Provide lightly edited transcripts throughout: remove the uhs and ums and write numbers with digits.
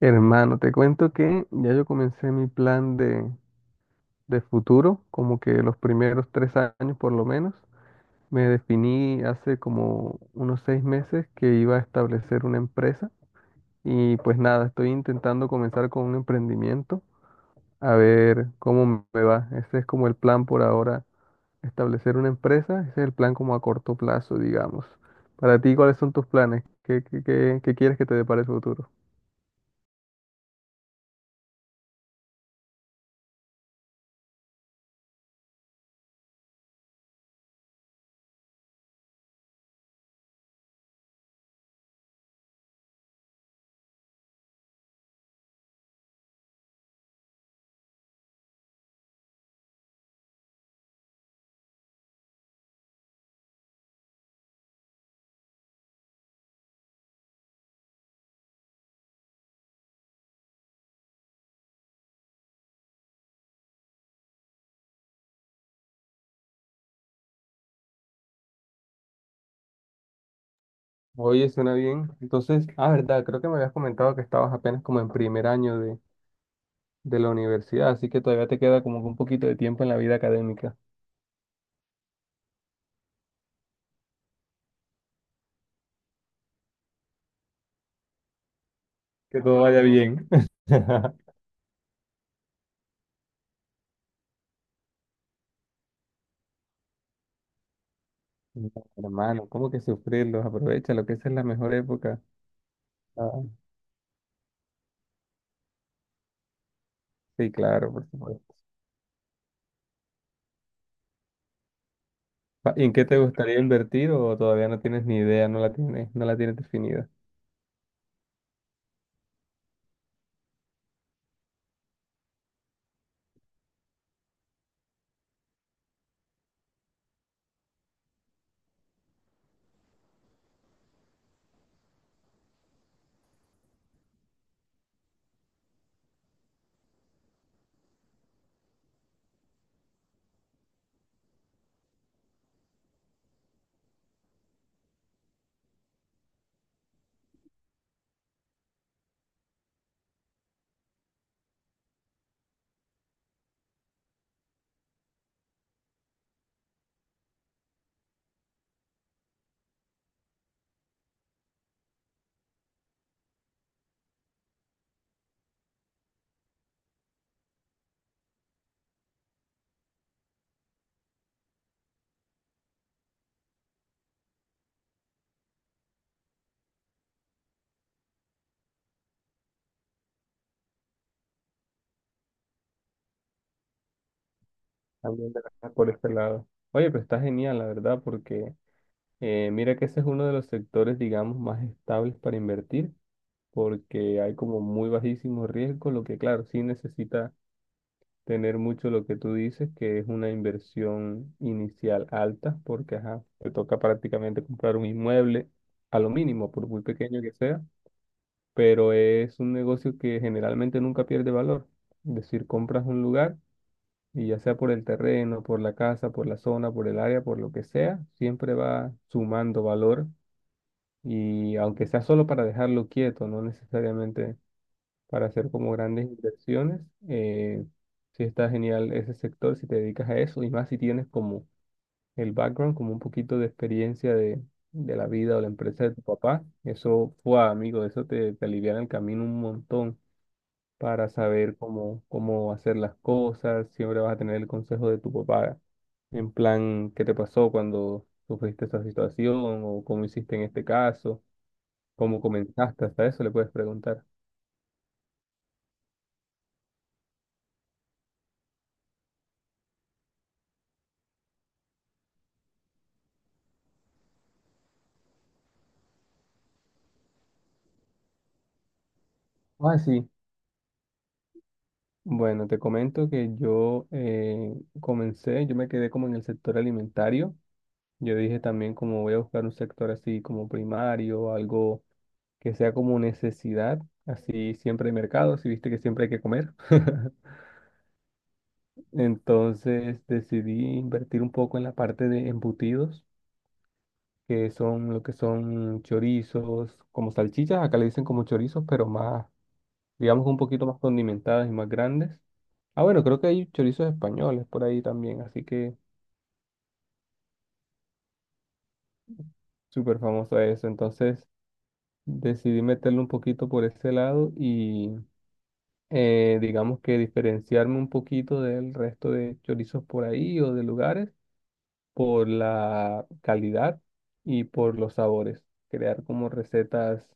Hermano, te cuento que ya yo comencé mi plan de futuro, como que los primeros 3 años por lo menos. Me definí hace como unos 6 meses que iba a establecer una empresa y pues nada, estoy intentando comenzar con un emprendimiento, a ver cómo me va. Ese es como el plan por ahora, establecer una empresa, ese es el plan como a corto plazo, digamos. Para ti, ¿cuáles son tus planes? ¿Qué quieres que te depare el futuro? Oye, suena bien. Entonces, ah, verdad, creo que me habías comentado que estabas apenas como en primer año de la universidad, así que todavía te queda como que un poquito de tiempo en la vida académica. Que todo vaya bien. No, hermano, ¿cómo que sufrirlos? Aprovecha lo que esa es la mejor época. Ah, sí, claro, por supuesto. ¿Y en qué te gustaría invertir o todavía no tienes ni idea, no la tienes, no la tienes definida? También de verdad, por este lado. Oye, pero está genial, la verdad, porque mira que ese es uno de los sectores, digamos, más estables para invertir porque hay como muy bajísimo riesgo, lo que claro, sí necesita tener mucho lo que tú dices, que es una inversión inicial alta, porque ajá, te toca prácticamente comprar un inmueble a lo mínimo, por muy pequeño que sea, pero es un negocio que generalmente nunca pierde valor. Es decir, compras un lugar y ya sea por el terreno, por la casa, por la zona, por el área, por lo que sea, siempre va sumando valor. Y aunque sea solo para dejarlo quieto, no necesariamente para hacer como grandes inversiones. Eh, sí está genial ese sector si te dedicas a eso y más si tienes como el background, como un poquito de experiencia de la vida o la empresa de tu papá. Eso fue, amigo, eso te, aliviana el camino un montón para saber cómo, cómo hacer las cosas. Siempre vas a tener el consejo de tu papá en plan, ¿qué te pasó cuando sufriste esa situación o cómo hiciste en este caso? ¿Cómo comenzaste? Hasta eso le puedes preguntar. Ah, sí. Bueno, te comento que yo comencé, yo me quedé como en el sector alimentario. Yo dije también como voy a buscar un sector así como primario, algo que sea como necesidad, así siempre de mercado, si viste que siempre hay que comer. Entonces decidí invertir un poco en la parte de embutidos, que son lo que son chorizos, como salchichas, acá le dicen como chorizos, pero más, digamos, un poquito más condimentadas y más grandes. Ah, bueno, creo que hay chorizos españoles por ahí también, así que súper famoso eso. Entonces decidí meterle un poquito por ese lado y digamos que diferenciarme un poquito del resto de chorizos por ahí o de lugares por la calidad y por los sabores. Crear como recetas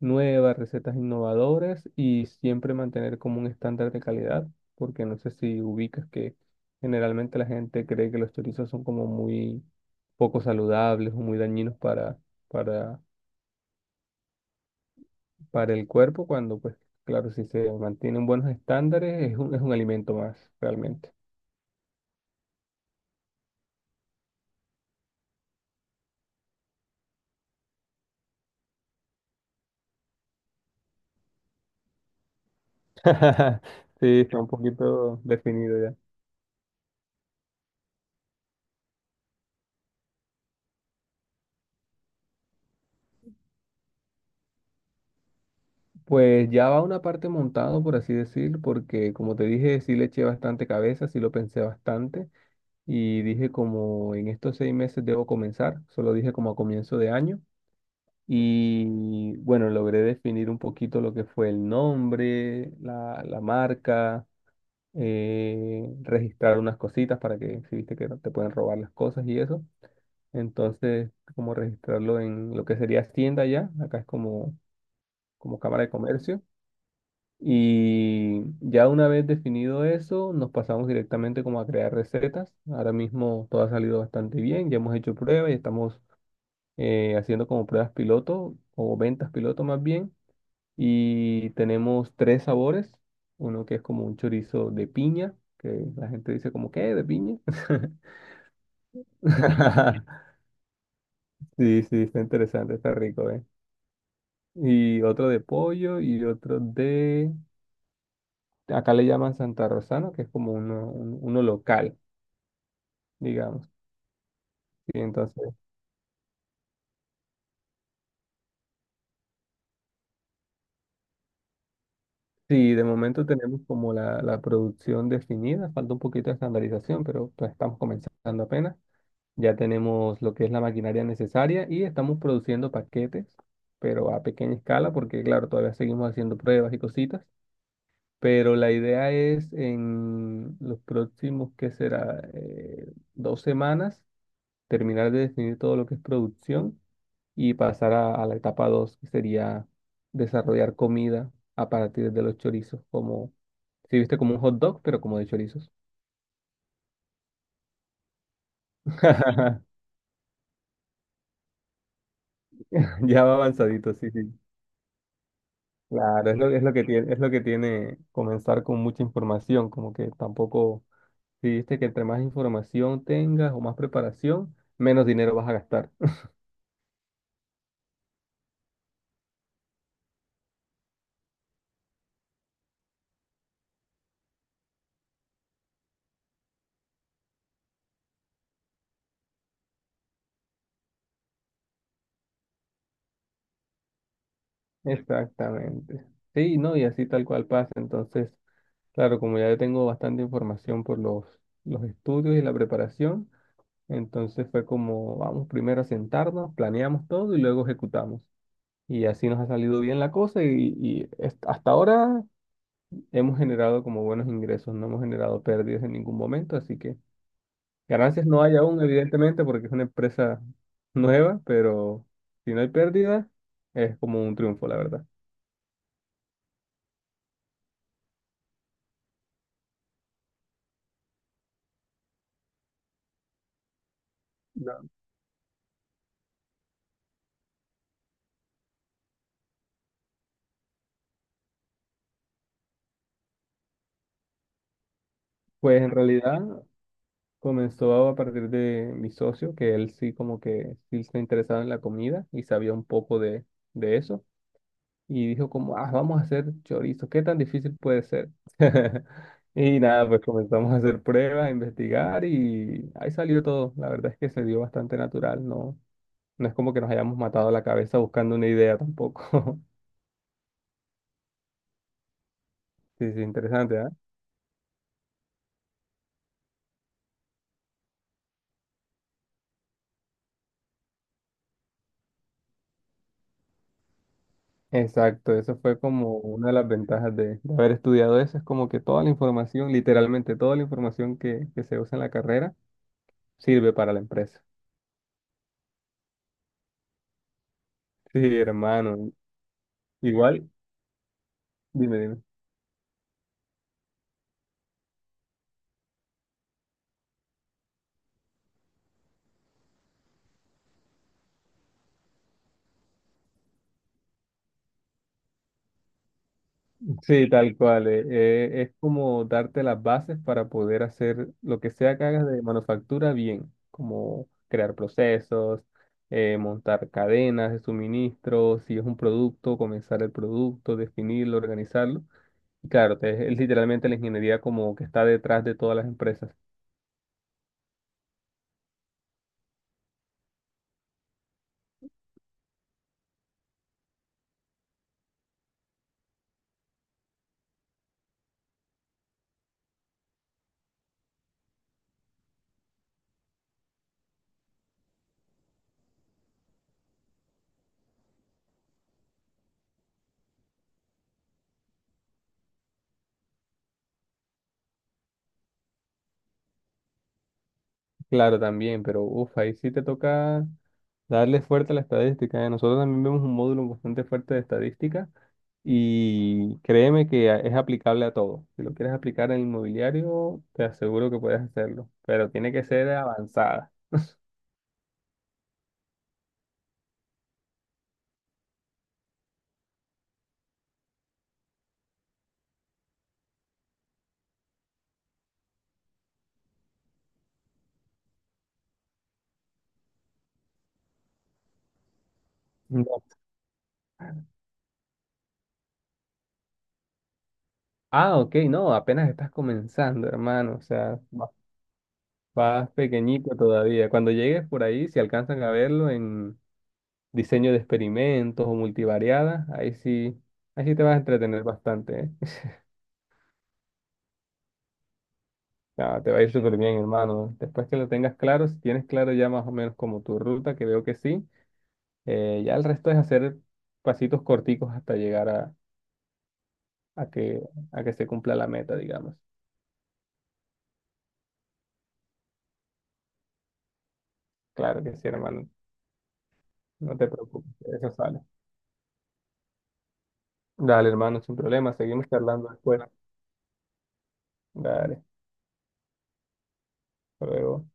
nuevas, recetas innovadoras y siempre mantener como un estándar de calidad, porque no sé si ubicas que generalmente la gente cree que los chorizos son como muy poco saludables o muy dañinos para, para, para el cuerpo, cuando pues claro, si se mantienen buenos estándares es un alimento más realmente. Sí, está un poquito definido ya. Pues ya va una parte montado, por así decir, porque como te dije, sí le eché bastante cabeza, sí lo pensé bastante. Y dije como en estos 6 meses debo comenzar, solo dije como a comienzo de año y bueno, logré definir un poquito lo que fue el nombre, la marca, registrar unas cositas para que si viste que no te pueden robar las cosas y eso, entonces como registrarlo en lo que sería tienda ya, acá es como, como Cámara de Comercio. Y ya una vez definido eso, nos pasamos directamente como a crear recetas. Ahora mismo todo ha salido bastante bien, ya hemos hecho pruebas y estamos haciendo como pruebas piloto o ventas piloto más bien. Y tenemos tres sabores, uno que es como un chorizo de piña, que la gente dice como, ¿qué? ¿De piña? Sí, sí, está interesante, está rico, ¿eh? Y otro de pollo y otro de… Acá le llaman Santa Rosano, que es como uno local, digamos. Y entonces, sí, de momento tenemos como la producción definida, falta un poquito de estandarización, pero pues estamos comenzando apenas. Ya tenemos lo que es la maquinaria necesaria y estamos produciendo paquetes, pero a pequeña escala, porque claro, todavía seguimos haciendo pruebas y cositas. Pero la idea es en los próximos, ¿qué será? 2 semanas, terminar de definir todo lo que es producción y pasar a la etapa 2 que sería desarrollar comida a partir de los chorizos, como, si viste como un hot dog, pero como de chorizos. Ya va avanzadito, sí, sí. Claro, es lo que tiene comenzar con mucha información, como que tampoco, si viste que entre más información tengas o más preparación, menos dinero vas a gastar. Exactamente. Sí, no, y así tal cual pasa. Entonces, claro, como ya yo tengo bastante información por los estudios y la preparación, entonces fue como, vamos primero a sentarnos, planeamos todo y luego ejecutamos. Y así nos ha salido bien la cosa y hasta ahora hemos generado como buenos ingresos, no hemos generado pérdidas en ningún momento, así que ganancias no hay aún, evidentemente, porque es una empresa nueva, pero si no hay pérdida, es como un triunfo, la verdad. No. Pues en realidad comenzó a partir de mi socio, que él sí como que sí está interesado en la comida y sabía un poco de eso. Y dijo como, ah, vamos a hacer chorizo, ¿qué tan difícil puede ser? Y nada, pues comenzamos a hacer pruebas, a investigar y ahí salió todo. La verdad es que se dio bastante natural, no, no es como que nos hayamos matado la cabeza buscando una idea tampoco. Sí, sí, interesante, ¿ah? Exacto, eso fue como una de las ventajas de haber estudiado eso, es como que toda la información, literalmente toda la información que se usa en la carrera sirve para la empresa. Sí, hermano, igual, dime, dime. Sí, tal cual. Es como darte las bases para poder hacer lo que sea que hagas de manufactura bien, como crear procesos, montar cadenas de suministro, si es un producto, comenzar el producto, definirlo, organizarlo. Y claro, es literalmente la ingeniería como que está detrás de todas las empresas. Claro, también, pero uff, ahí sí te toca darle fuerte a la estadística. Nosotros también vemos un módulo bastante fuerte de estadística. Y créeme que es aplicable a todo. Si lo quieres aplicar en inmobiliario, te aseguro que puedes hacerlo, pero tiene que ser avanzada. No. Ah, ok, no, apenas estás comenzando, hermano. O sea, vas pequeñito todavía. Cuando llegues por ahí, si alcanzan a verlo en diseño de experimentos o multivariadas, ahí sí te vas a entretener bastante, ¿eh? Ah, te va a ir súper bien, hermano. Después que lo tengas claro, si tienes claro ya más o menos como tu ruta, que veo que sí. Ya el resto es hacer pasitos corticos hasta llegar a que, a que se cumpla la meta, digamos. Claro que sí, hermano. No te preocupes, eso sale. Dale, hermano, sin problema. Seguimos charlando después. Dale, hasta luego.